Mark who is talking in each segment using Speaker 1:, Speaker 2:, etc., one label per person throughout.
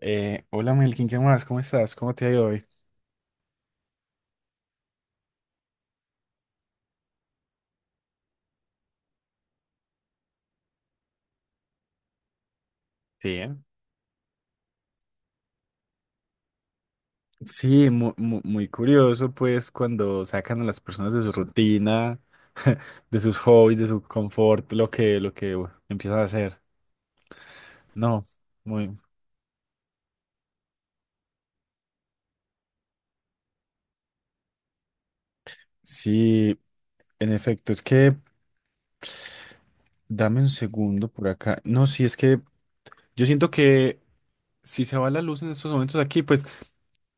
Speaker 1: Hola Melkin, ¿qué más? ¿Cómo estás? ¿Cómo te ha ido hoy? Sí, ¿eh? Sí, muy curioso, pues, cuando sacan a las personas de su rutina, de sus hobbies, de su confort, lo que bueno, empiezan a hacer. No, muy. Sí, en efecto, es que dame un segundo por acá. No, sí, es que yo siento que si se va la luz en estos momentos aquí, pues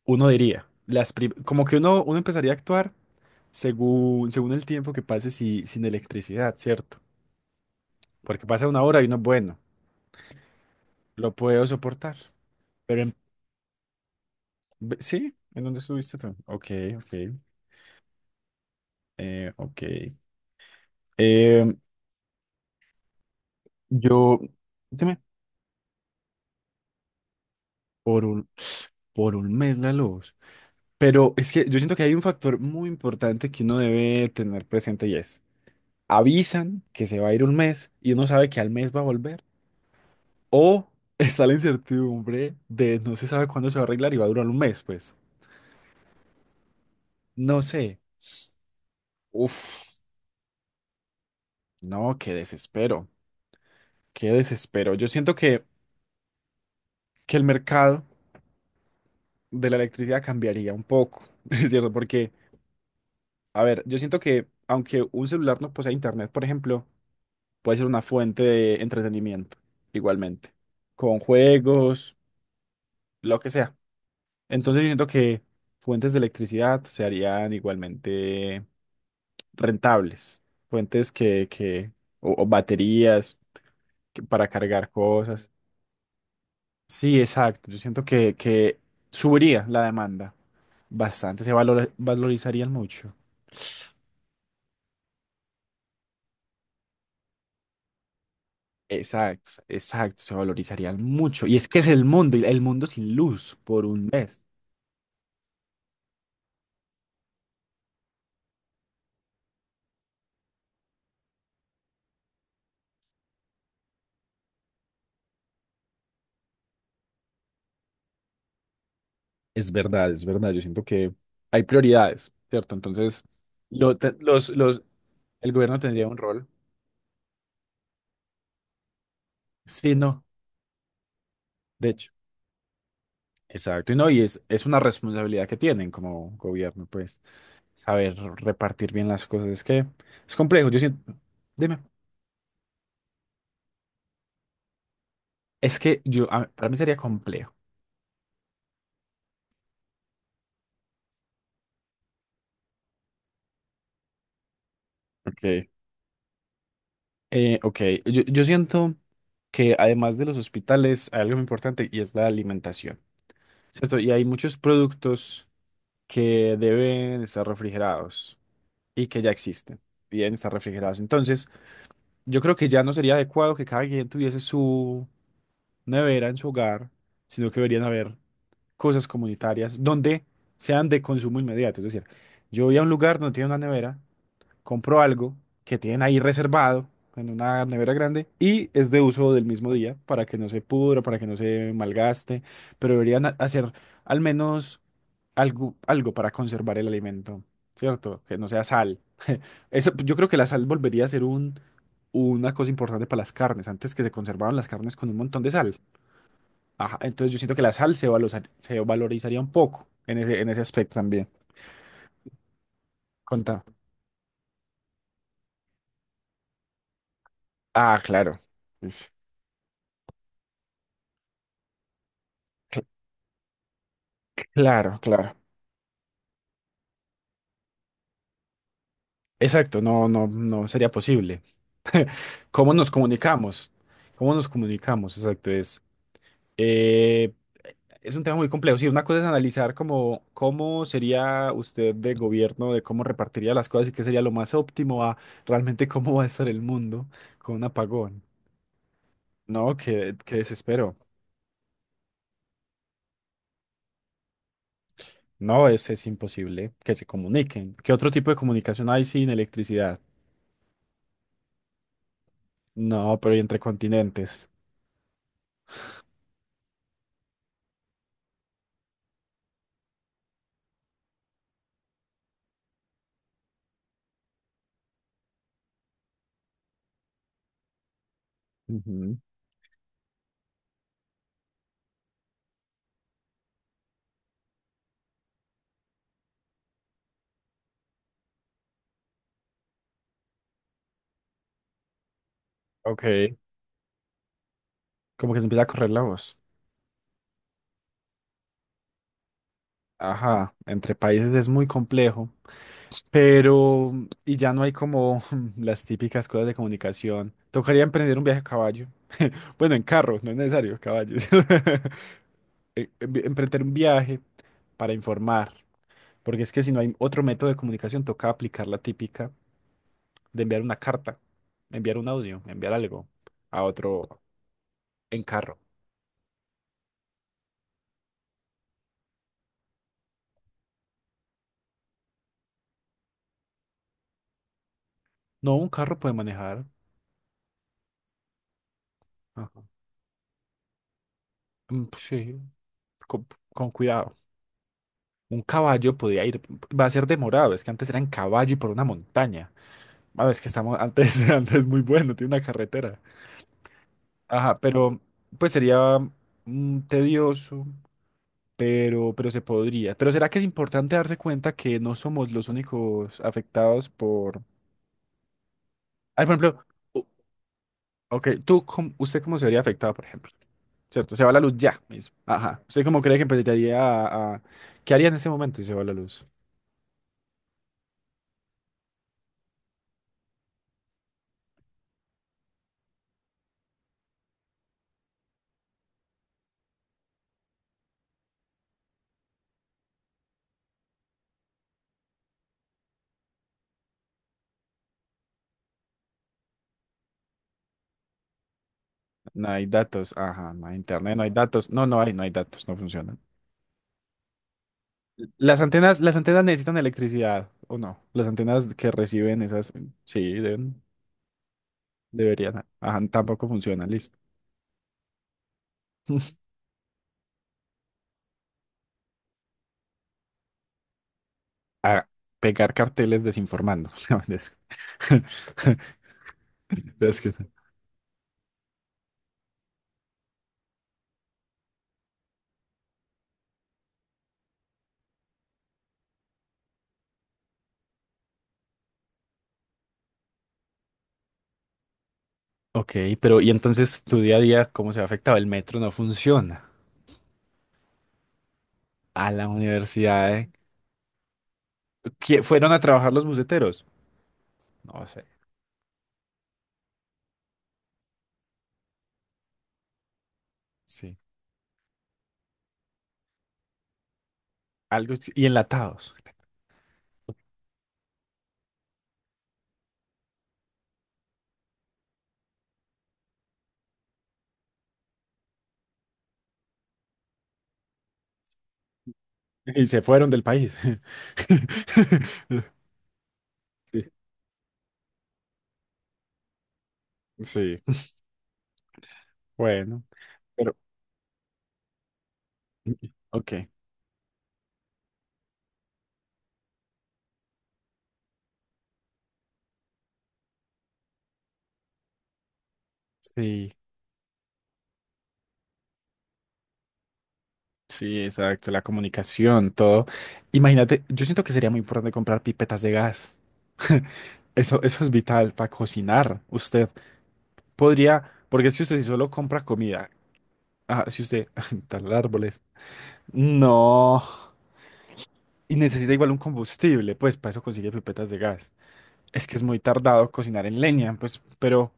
Speaker 1: uno diría, como que uno empezaría a actuar según el tiempo que pase sin electricidad, ¿cierto? Porque pasa una hora y uno, bueno, lo puedo soportar. Pero en- sí, ¿en dónde estuviste tú? Ok, ok, ok. Em, yo, dime, por un, por un mes la luz. Pero es que yo siento que hay un factor muy importante que uno debe tener presente y es, avisan que se va a ir un mes y uno sabe que al mes va a volver. O está la incertidumbre de no se sabe cuándo se va a arreglar y va a durar un mes, pues. No sé. Uf, no, qué desespero. Qué desespero. Yo siento que el mercado de la electricidad cambiaría un poco, es cierto, porque, a ver, yo siento que aunque un celular no posea internet, por ejemplo, puede ser una fuente de entretenimiento, igualmente, con juegos, lo que sea. Entonces yo siento que fuentes de electricidad se harían igualmente rentables, fuentes que o baterías para cargar cosas. Sí, exacto. Yo siento que subiría la demanda bastante, se valorizarían mucho. Exacto, exacto, se valorizarían mucho. Y es que es el mundo, y el mundo sin luz por un mes. Es verdad, es verdad. Yo siento que hay prioridades, ¿cierto? Entonces, lo te- los, los, el gobierno tendría un rol. Sí, no, de hecho. Exacto, y no, y es una responsabilidad que tienen como gobierno, pues, saber repartir bien las cosas. Es que es complejo. Yo siento. Dime. Es que yo, para mí sería complejo. Ok. Ok, yo siento que además de los hospitales hay algo muy importante y es la alimentación, ¿cierto? Y hay muchos productos que deben estar refrigerados y que ya existen y deben estar refrigerados. Entonces, yo creo que ya no sería adecuado que cada quien tuviese su nevera en su hogar, sino que deberían haber cosas comunitarias donde sean de consumo inmediato. Es decir, yo voy a un lugar donde tiene una nevera, compro algo que tienen ahí reservado en una nevera grande y es de uso del mismo día para que no se pudra, para que no se malgaste, pero deberían hacer al menos algo, algo para conservar el alimento, ¿cierto? Que no sea sal. Eso- yo creo que la sal volvería a ser un, una cosa importante para las carnes. Antes que se conservaban las carnes con un montón de sal. Ajá, entonces yo siento que la sal se valorizaría un poco en ese aspecto también. Contá. Ah, claro. Pues, cl- claro, claro. Exacto, no, no, no sería posible. ¿Cómo nos comunicamos? ¿Cómo nos comunicamos? Exacto, eh, es un tema muy complejo. Sí, una cosa es analizar cómo, cómo sería usted de gobierno, de cómo repartiría las cosas y qué sería lo más óptimo a realmente cómo va a estar el mundo con un apagón. No, qué, qué desespero. No, es imposible que se comuniquen. ¿Qué otro tipo de comunicación hay sin electricidad? No, ¿pero y entre continentes? Ujú. Ok. Como que se empieza a correr la voz. Ajá, entre países es muy complejo, pero y ya no hay como las típicas cosas de comunicación. Tocaría emprender un viaje a caballo. Bueno, en carro, no es necesario caballos. Emprender un viaje para informar, porque es que si no hay otro método de comunicación, toca aplicar la típica de enviar una carta, enviar un audio, enviar algo a otro en carro. No, un carro puede manejar. Ajá. Mm, pues sí, con, con cuidado. Un caballo podía ir, va a ser demorado, es que antes era en caballo y por una montaña. Ah, es que estamos, antes, antes muy bueno, tiene una carretera. Ajá, pero pues sería tedioso, pero se podría. Pero ¿será que es importante darse cuenta que no somos los únicos afectados por... Ah, por ejemplo, u- ok, tú, ¿usted cómo se vería afectado, por ejemplo? ¿Cierto? Se va la luz ya mismo. Ajá. ¿Usted cómo cree que empezaría a- ¿Qué haría en ese momento si se va la luz? No hay datos, ajá, no hay internet, no hay datos, no, no hay, no hay datos, no funcionan. Las antenas necesitan electricidad, ¿o no? Las antenas que reciben esas, sí, deben, deberían, ajá, tampoco funcionan, listo. A pegar carteles desinformando. No, es- es que- Ok, pero y entonces tu día a día, ¿cómo se ha afectado? El metro no funciona. A la universidad, ¿eh? ¿Fueron a trabajar los buceteros? No sé, sí. Algo es- y enlatados. Y se fueron del país. Sí, sí, bueno, pero, ok, sí, sí, exacto, la comunicación, todo. Imagínate, yo siento que sería muy importante comprar pipetas de gas. Eso es vital para cocinar. Usted podría, porque si usted solo compra comida, ah, si usted talar árboles, no, y necesita igual un combustible, pues para eso consigue pipetas de gas. Es que es muy tardado cocinar en leña, pues, pero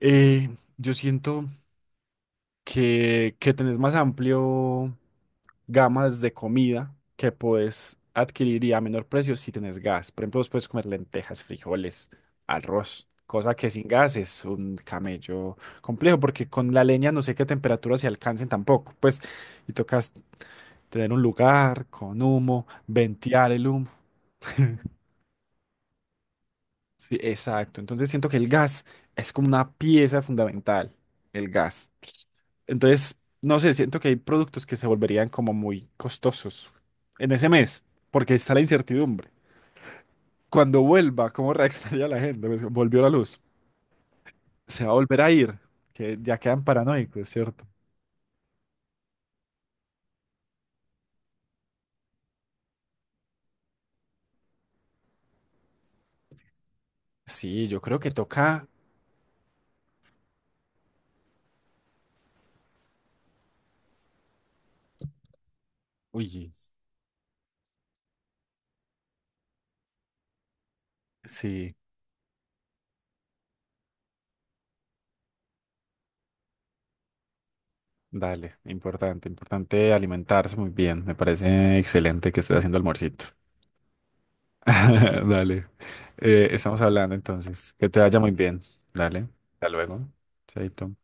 Speaker 1: eh, yo siento que tenés más amplio gamas de comida que podés adquirir y a menor precio si tenés gas. Por ejemplo, vos puedes comer lentejas, frijoles, arroz, cosa que sin gas es un camello complejo, porque con la leña no sé qué temperatura se alcancen tampoco. Pues, y tocas tener un lugar con humo, ventear el humo. Sí, exacto. Entonces siento que el gas es como una pieza fundamental, el gas. Entonces, no sé, siento que hay productos que se volverían como muy costosos en ese mes, porque está la incertidumbre. Cuando vuelva, ¿cómo reaccionaría la gente? Pues, volvió la luz, se va a volver a ir, que ya quedan paranoicos, ¿cierto? Sí, yo creo que toca. Uy, sí, dale, importante, importante alimentarse muy bien. Me parece excelente que estés haciendo almuercito. Dale, estamos hablando entonces. Que te vaya muy bien. Dale, hasta luego. Chaito.